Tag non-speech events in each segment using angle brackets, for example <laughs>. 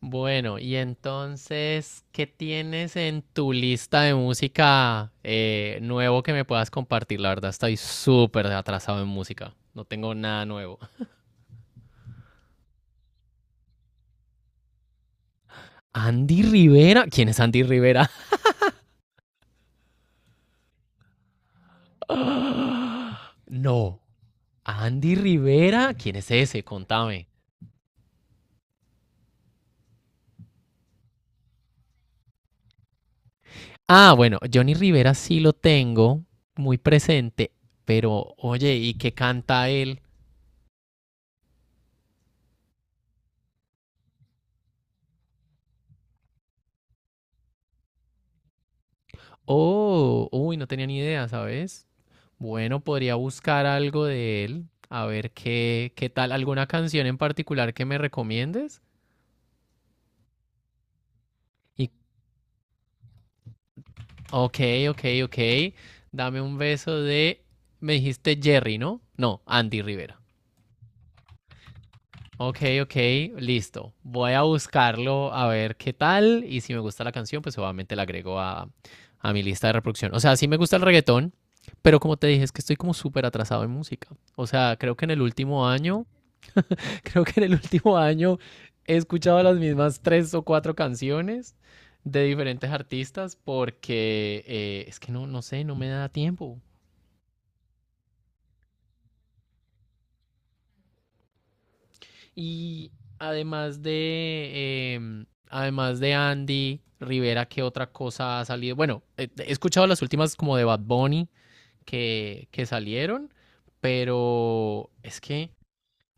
Bueno, y entonces, ¿qué tienes en tu lista de música nuevo que me puedas compartir? La verdad, estoy súper atrasado en música. No tengo nada nuevo. Andy Rivera. ¿Quién es Andy Rivera? <gasps> <laughs> Ah, no. Andy Rivera. ¿Quién es ese? Contame. Ah, bueno, Johnny Rivera sí lo tengo muy presente, pero oye, ¿y qué canta él? Oh, uy, no tenía ni idea, ¿sabes? Bueno, podría buscar algo de él, a ver qué tal, alguna canción en particular que me recomiendes. Y, ok, ok, ok, dame un beso me dijiste Jerry, ¿no? No, Andy Rivera. Ok, ok, listo. Voy a buscarlo a ver qué tal y si me gusta la canción, pues obviamente la agrego a mi lista de reproducción. O sea, sí me gusta el reggaetón, pero como te dije, es que estoy como súper atrasado en música. O sea, creo que en el último año Creo que en el último año he escuchado las mismas tres o cuatro canciones de diferentes artistas porque es que no, no sé, no me da tiempo. Y además de, además de Andy Rivera, ¿qué otra cosa ha salido? Bueno, he escuchado las últimas como de Bad Bunny que salieron, pero es que,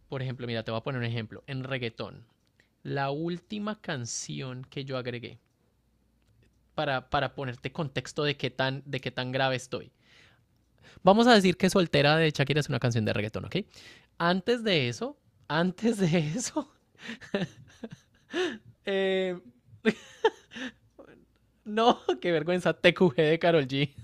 por ejemplo, mira, te voy a poner un ejemplo. En reggaetón, la última canción que yo agregué para ponerte contexto de qué tan grave estoy. Vamos a decir que Soltera de Shakira es una canción de reggaetón, ¿ok? Antes de eso, antes de <laughs> eso, eh, no, <laughs> qué vergüenza, TQG de Carol G.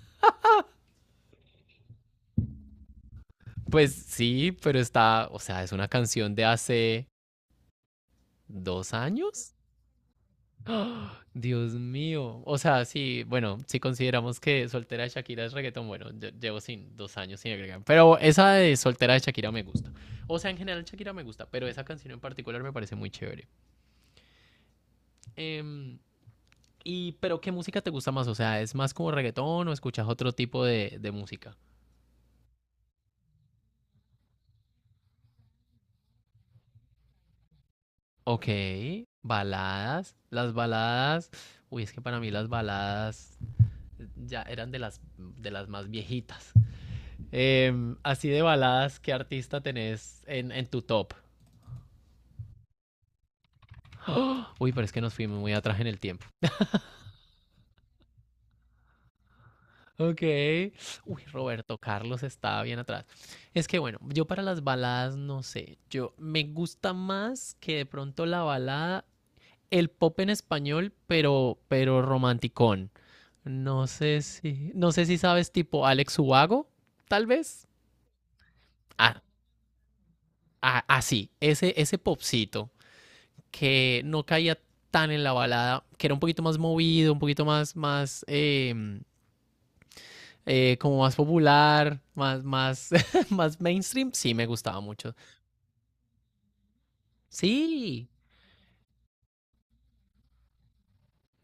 Pues sí, pero está, o sea, es una canción de hace 2 años. ¡Ah! Dios mío. O sea, sí, bueno, si consideramos que soltera de Shakira es reggaetón, bueno, llevo sin 2 años sin agregar. Pero esa de soltera de Shakira me gusta. O sea, en general Shakira me gusta, pero esa canción en particular me parece muy chévere. Em, pero ¿qué música te gusta más? O sea, ¿es más como reggaetón o escuchas otro tipo de música? Ok, baladas. Las baladas. Uy, es que para mí las baladas ya eran de las más viejitas. Así de baladas, ¿qué artista tenés en tu top? <gasps> ¡Oh! Uy, pero es que nos fuimos muy atrás en el tiempo. Ok. Uy, Roberto Carlos estaba bien atrás. Es que bueno, yo para las baladas no sé. Yo me gusta más que de pronto la balada, el pop en español, pero romanticón. No sé si sabes tipo Alex Ubago, tal vez. Ah, ah, ah, sí, ese popcito que no caía tan en la balada, que era un poquito más movido, un poquito como más popular, <laughs> más mainstream, sí me gustaba mucho. Sí.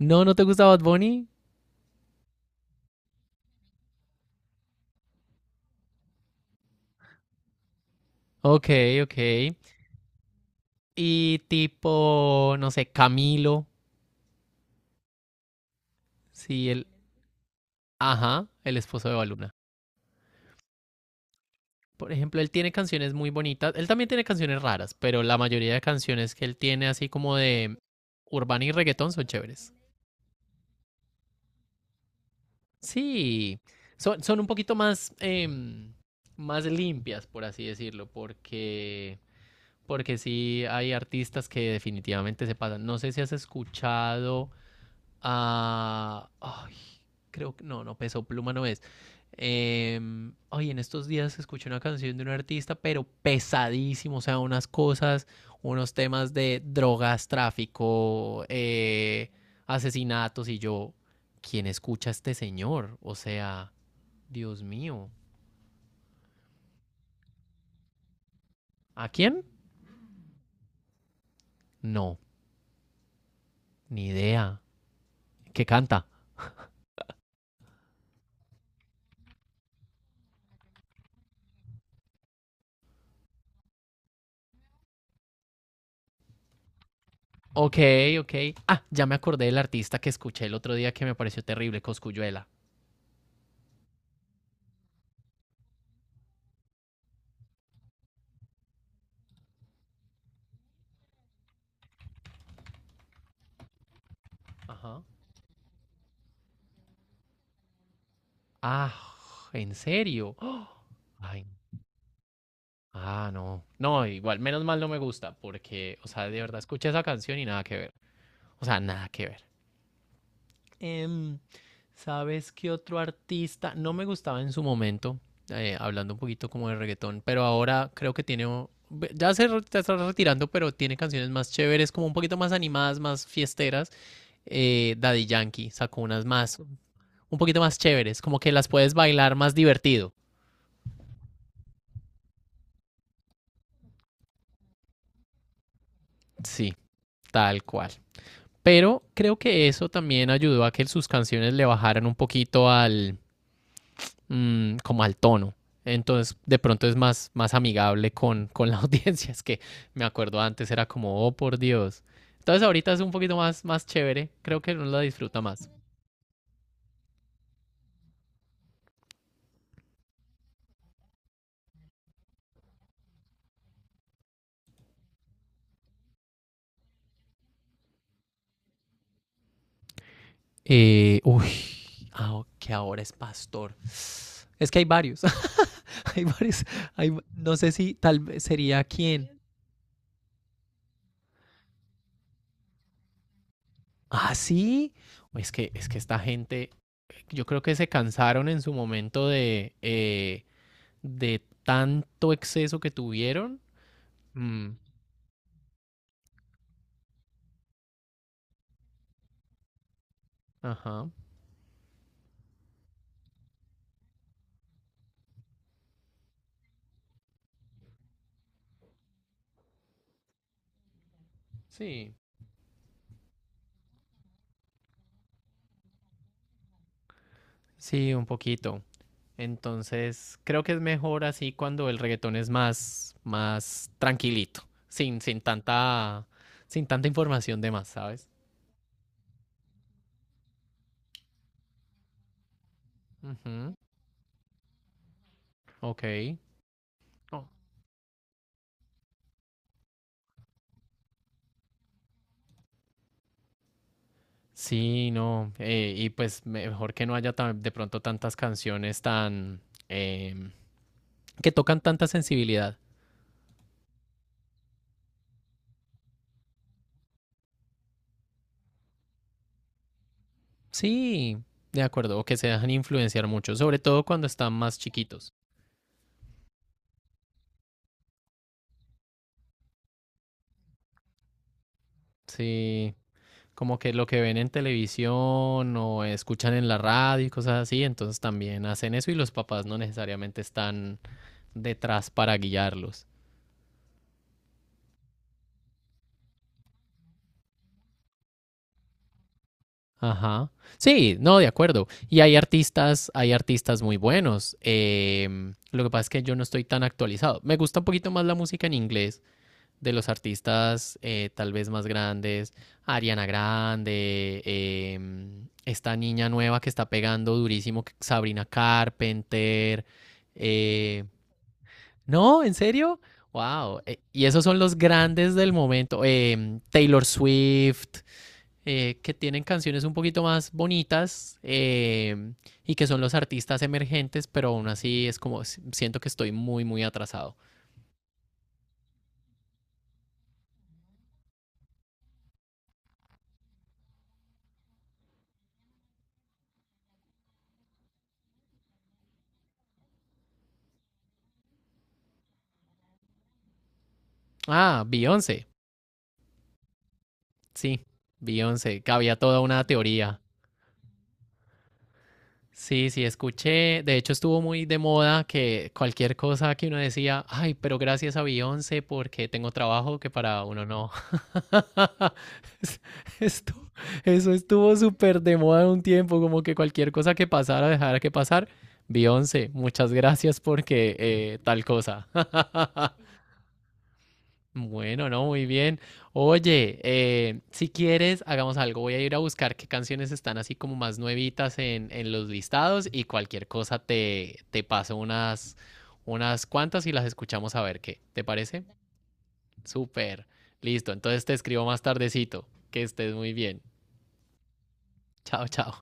No, ¿no te gusta Bad Bunny? Ok, ok. Y tipo, no sé, Camilo, sí, el, ajá, el esposo de Baluna. Por ejemplo, él tiene canciones muy bonitas. Él también tiene canciones raras, pero la mayoría de canciones que él tiene, así como de urbana y reggaetón, son chéveres. Sí, son un poquito más, más limpias, por así decirlo, porque sí hay artistas que definitivamente se pasan. No sé si has escuchado a... Ay, creo que no, Peso Pluma no es. Ay, en estos días escuché una canción de un artista, pero pesadísimo, o sea, unas cosas, unos temas de drogas, tráfico, asesinatos, y yo, ¿quién escucha a este señor? O sea, Dios mío. ¿A quién? No, ni idea. ¿Qué canta? Ok, ok. Ah, ya me acordé del artista que escuché el otro día que me pareció terrible, Cosculluela. Ajá. Ah, ¿en serio? <gasps> ¡Oh! Ay, ah, no. No, igual, menos mal no me gusta, porque, o sea, de verdad escuché esa canción y nada que ver. O sea, nada que ver. Em, ¿sabes qué otro artista? No me gustaba en su momento, hablando un poquito como de reggaetón, pero ahora creo que tiene, o- ve- ya se re- ya está retirando, pero tiene canciones más chéveres, como un poquito más animadas, más fiesteras. Daddy Yankee sacó unas más, un poquito más chéveres, como que las puedes bailar más divertido. Sí, tal cual. Pero creo que eso también ayudó a que sus canciones le bajaran un poquito como al tono. Entonces, de pronto es más amigable con la <laughs> audiencia. Es que me acuerdo antes era como, oh, por Dios. Entonces, ahorita es un poquito más chévere. Creo que uno la disfruta más. Uy, ah, ok, que ahora es pastor. Es que hay varios. <laughs> Hay varios. No sé si tal vez sería quién. Ah, sí. Uy, es que esta gente yo creo que se cansaron en su momento de tanto exceso que tuvieron. Mm, ajá. Sí. Sí, un poquito. Entonces, creo que es mejor así cuando el reggaetón es más tranquilito, sin, sin tanta, sin tanta información de más, ¿sabes? Ujú, ok. Oh. Sí, no. Y pues mejor que no haya de pronto tantas canciones em, que tocan tanta sensibilidad. Sí, de acuerdo, o que se dejan influenciar mucho, sobre todo cuando están más chiquitos. Sí, como que lo que ven en televisión o escuchan en la radio y cosas así, entonces también hacen eso y los papás no necesariamente están detrás para guiarlos. Ajá. Sí, no, de acuerdo. Y hay artistas muy buenos. Lo que pasa es que yo no estoy tan actualizado. Me gusta un poquito más la música en inglés de los artistas tal vez más grandes, Ariana Grande, esta niña nueva que está pegando durísimo, Sabrina Carpenter. eh, no, ¿en serio? Wow. Y esos son los grandes del momento. Taylor Swift, que tienen canciones un poquito más bonitas y que son los artistas emergentes, pero aún así es como, siento que estoy muy, muy atrasado. Ah, Beyoncé. Sí, Beyoncé, que había toda una teoría. Sí, sí, escuché. De hecho, estuvo muy de moda que cualquier cosa que uno decía, ay, pero gracias a Beyoncé porque tengo trabajo que para uno no. <laughs> Es- Esto, eso estuvo súper de moda un tiempo, como que cualquier cosa que pasara, dejara que pasar. Beyoncé, muchas gracias porque tal cosa. <laughs> Bueno, no, muy bien. Oye, si quieres, hagamos algo. Voy a ir a buscar qué canciones están así como más nuevitas en los listados y cualquier cosa te paso unas, cuantas y las escuchamos a ver qué. ¿Te parece? Súper. Listo. Entonces te escribo más tardecito. Que estés muy bien. Chao, chao.